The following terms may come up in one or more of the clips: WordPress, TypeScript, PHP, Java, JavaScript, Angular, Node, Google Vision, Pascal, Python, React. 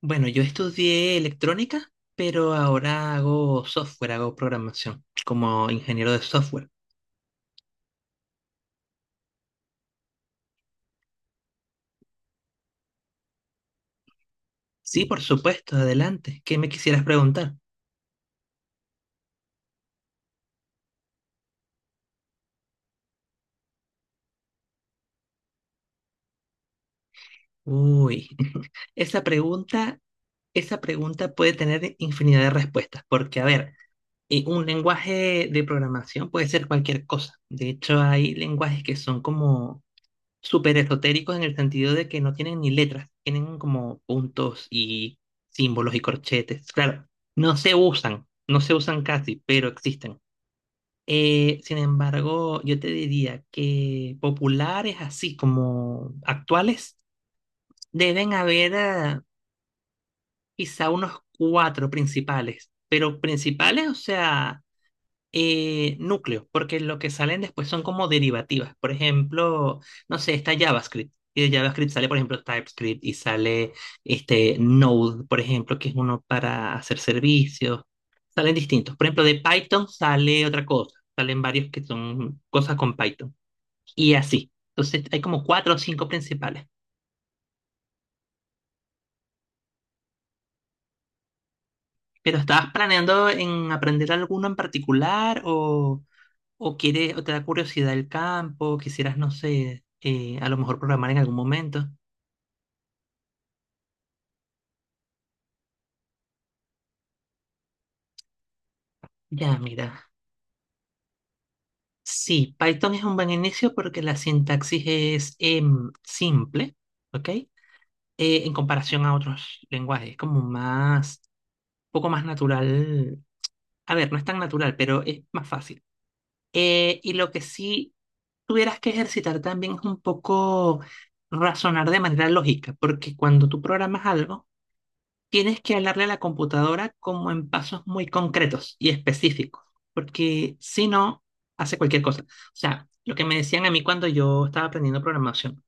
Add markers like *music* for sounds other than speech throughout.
Bueno, yo estudié electrónica, pero ahora hago software, hago programación como ingeniero de software. Sí, por supuesto, adelante. ¿Qué me quisieras preguntar? Uy, *laughs* esa pregunta, esa pregunta puede tener infinidad de respuestas, porque a ver, un lenguaje de programación puede ser cualquier cosa. De hecho, hay lenguajes que son como súper esotéricos en el sentido de que no tienen ni letras, tienen como puntos y símbolos y corchetes. Claro, no se usan casi, pero existen. Sin embargo, yo te diría que populares así como actuales deben haber quizá unos cuatro principales, pero principales, o sea núcleo, porque lo que salen después son como derivativas. Por ejemplo, no sé, está JavaScript. Y de JavaScript sale, por ejemplo, TypeScript y sale este Node, por ejemplo, que es uno para hacer servicios. Salen distintos. Por ejemplo, de Python sale otra cosa. Salen varios que son cosas con Python. Y así. Entonces, hay como cuatro o cinco principales. Pero ¿estabas planeando en aprender alguno en particular o quiere, o te da curiosidad el campo, quisieras, no sé, a lo mejor programar en algún momento. Ya, mira. Sí, Python es un buen inicio porque la sintaxis es simple, ¿ok? En comparación a otros lenguajes, es como más, un poco más natural. A ver, no es tan natural, pero es más fácil. Y lo que sí tuvieras que ejercitar también es un poco razonar de manera lógica, porque cuando tú programas algo, tienes que hablarle a la computadora como en pasos muy concretos y específicos, porque si no, hace cualquier cosa. O sea, lo que me decían a mí cuando yo estaba aprendiendo programación,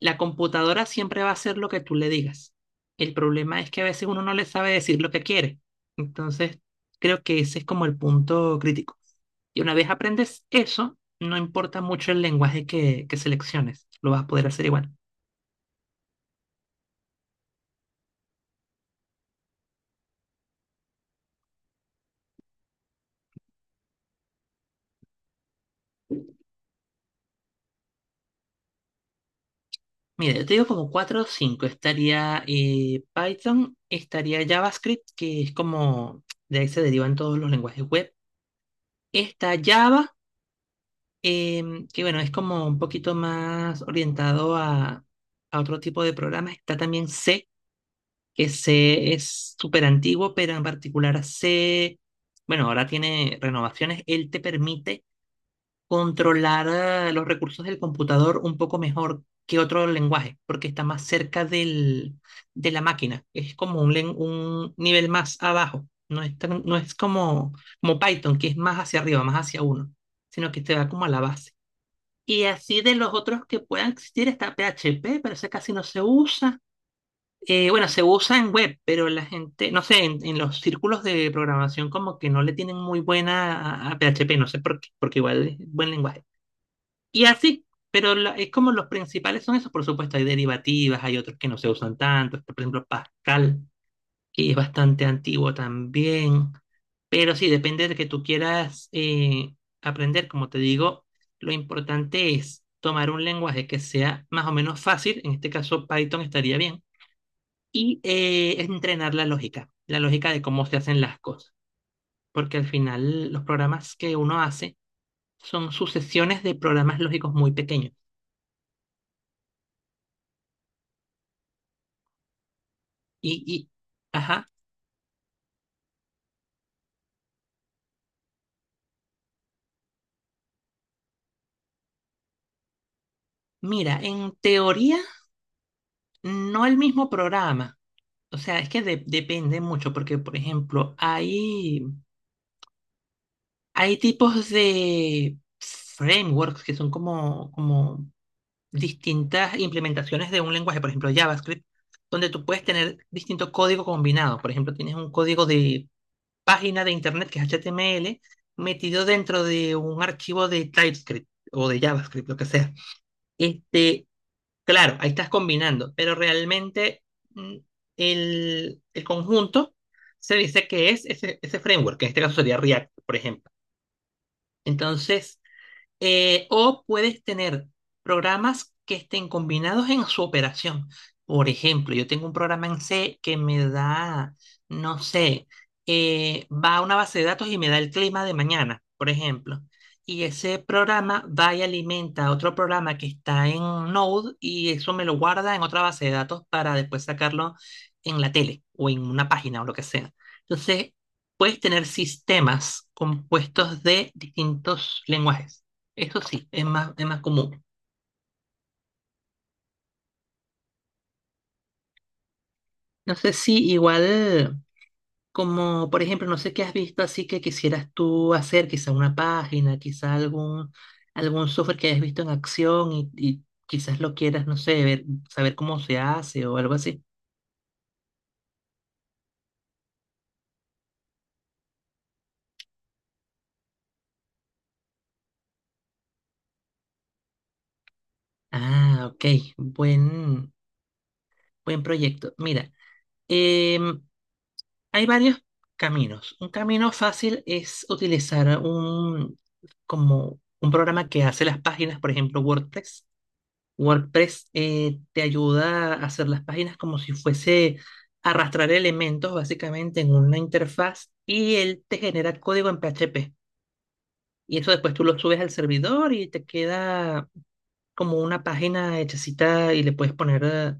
la computadora siempre va a hacer lo que tú le digas. El problema es que a veces uno no le sabe decir lo que quiere. Entonces, creo que ese es como el punto crítico. Y una vez aprendes eso, no importa mucho el lenguaje que selecciones, lo vas a poder hacer igual. Mira, yo te digo como 4 o cinco. Estaría Python, estaría JavaScript, que es como de ahí se derivan todos los lenguajes web. Está Java, que bueno, es como un poquito más orientado a otro tipo de programas. Está también C, que C es súper antiguo, pero en particular C, bueno, ahora tiene renovaciones. Él te permite controlar los recursos del computador un poco mejor que otro lenguaje, porque está más cerca del, de la máquina. Es como un, un nivel más abajo. No es como, como Python, que es más hacia arriba, más hacia uno, sino que te va como a la base. Y así de los otros que puedan existir está PHP, pero ese casi no se usa. Bueno, se usa en web, pero la gente, no sé, en los círculos de programación como que no le tienen muy buena a PHP, no sé por qué, porque igual es buen lenguaje. Y así, pero es como los principales son esos, por supuesto, hay derivativas, hay otros que no se usan tanto, está, por ejemplo Pascal, que es bastante antiguo también, pero sí, depende de que tú quieras aprender, como te digo, lo importante es tomar un lenguaje que sea más o menos fácil, en este caso Python estaría bien, y entrenar la lógica de cómo se hacen las cosas, porque al final los programas que uno hace son sucesiones de programas lógicos muy pequeños. Y, ajá, mira, en teoría no el mismo programa. O sea, es que depende mucho porque, por ejemplo, hay tipos de frameworks que son como, como distintas implementaciones de un lenguaje, por ejemplo, JavaScript, donde tú puedes tener distinto código combinado. Por ejemplo, tienes un código de página de internet que es HTML metido dentro de un archivo de TypeScript o de JavaScript, lo que sea. Este, Claro, ahí estás combinando, pero realmente mm, el conjunto se dice que es ese, ese framework, que en este caso sería React, por ejemplo. Entonces, o puedes tener programas que estén combinados en su operación. Por ejemplo, yo tengo un programa en C que me da, no sé, va a una base de datos y me da el clima de mañana, por ejemplo. Y ese programa va y alimenta a otro programa que está en Node y eso me lo guarda en otra base de datos para después sacarlo en la tele o en una página o lo que sea. Entonces, puedes tener sistemas compuestos de distintos lenguajes. Eso sí, es más común. No sé si igual, como por ejemplo, no sé qué has visto así que quisieras tú hacer, quizá una página, quizá algún, algún software que hayas visto en acción y quizás lo quieras, no sé, ver, saber cómo se hace o algo así. Ah, ok, buen, buen proyecto. Mira, em, hay varios caminos. Un camino fácil es utilizar un, como un programa que hace las páginas, por ejemplo, WordPress. WordPress te ayuda a hacer las páginas como si fuese arrastrar elementos básicamente en una interfaz y él te genera código en PHP. Y eso después tú lo subes al servidor y te queda como una página hechecita y le puedes poner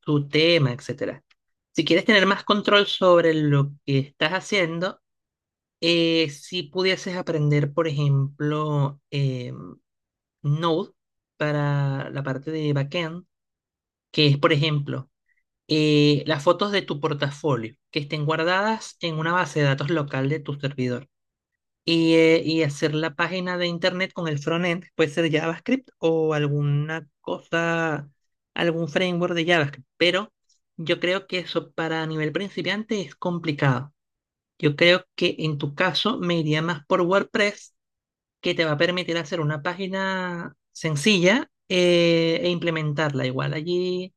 tu tema, etcétera. Si quieres tener más control sobre lo que estás haciendo, si pudieses aprender, por ejemplo, Node para la parte de backend, que es, por ejemplo, las fotos de tu portafolio que estén guardadas en una base de datos local de tu servidor y hacer la página de internet con el frontend, puede ser JavaScript o alguna cosa, algún framework de JavaScript, pero yo creo que eso para nivel principiante es complicado. Yo creo que en tu caso me iría más por WordPress, que te va a permitir hacer una página sencilla e implementarla igual allí.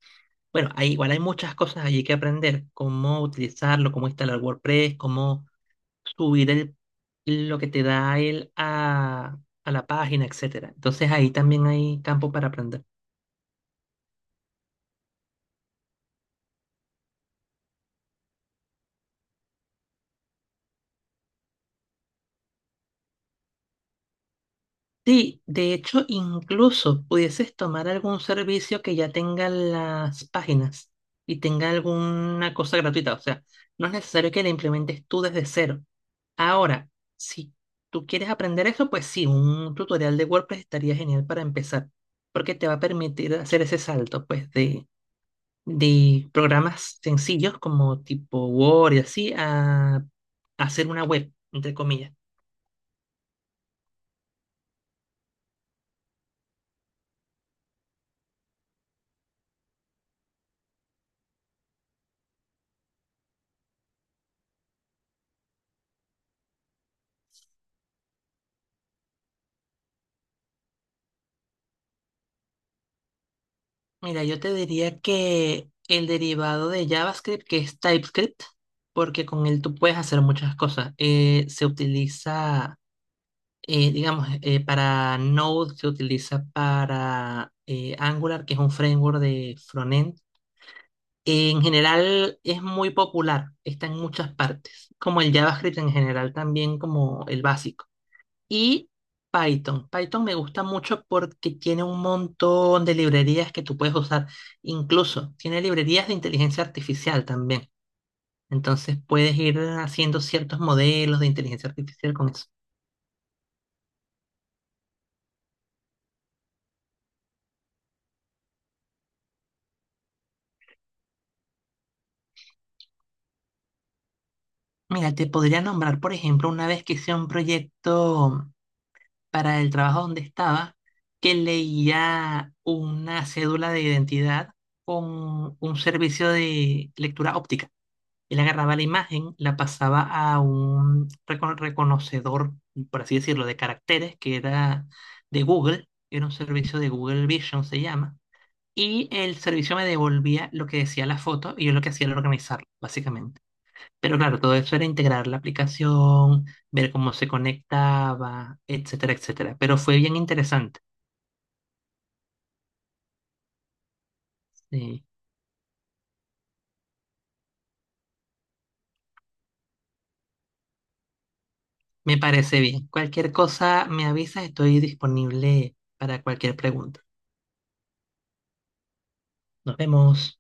Bueno, ahí igual hay muchas cosas allí que aprender, cómo utilizarlo, cómo instalar WordPress, cómo subir lo que te da él a la página, etcétera. Entonces ahí también hay campo para aprender. Sí, de hecho, incluso pudieses tomar algún servicio que ya tenga las páginas y tenga alguna cosa gratuita. O sea, no es necesario que la implementes tú desde cero. Ahora, si tú quieres aprender eso, pues sí, un tutorial de WordPress estaría genial para empezar, porque te va a permitir hacer ese salto, pues, de programas sencillos como tipo Word y así a hacer una web, entre comillas. Mira, yo te diría que el derivado de JavaScript, que es TypeScript, porque con él tú puedes hacer muchas cosas. Se utiliza digamos, para Node se utiliza para Angular, que es un framework de frontend. En general es muy popular, está en muchas partes, como el JavaScript en general también como el básico. Y Python. Python me gusta mucho porque tiene un montón de librerías que tú puedes usar. Incluso tiene librerías de inteligencia artificial también. Entonces puedes ir haciendo ciertos modelos de inteligencia artificial con eso. Mira, te podría nombrar, por ejemplo, una vez que hice un proyecto para el trabajo donde estaba, que leía una cédula de identidad con un servicio de lectura óptica. Él agarraba la imagen, la pasaba a un reconocedor, por así decirlo, de caracteres, que era de Google, era un servicio de Google Vision, se llama, y el servicio me devolvía lo que decía la foto y yo lo que hacía era organizarlo, básicamente. Pero claro, todo eso era integrar la aplicación, ver cómo se conectaba, etcétera, etcétera. Pero fue bien interesante. Sí. Me parece bien. Cualquier cosa me avisas, estoy disponible para cualquier pregunta. Nos vemos.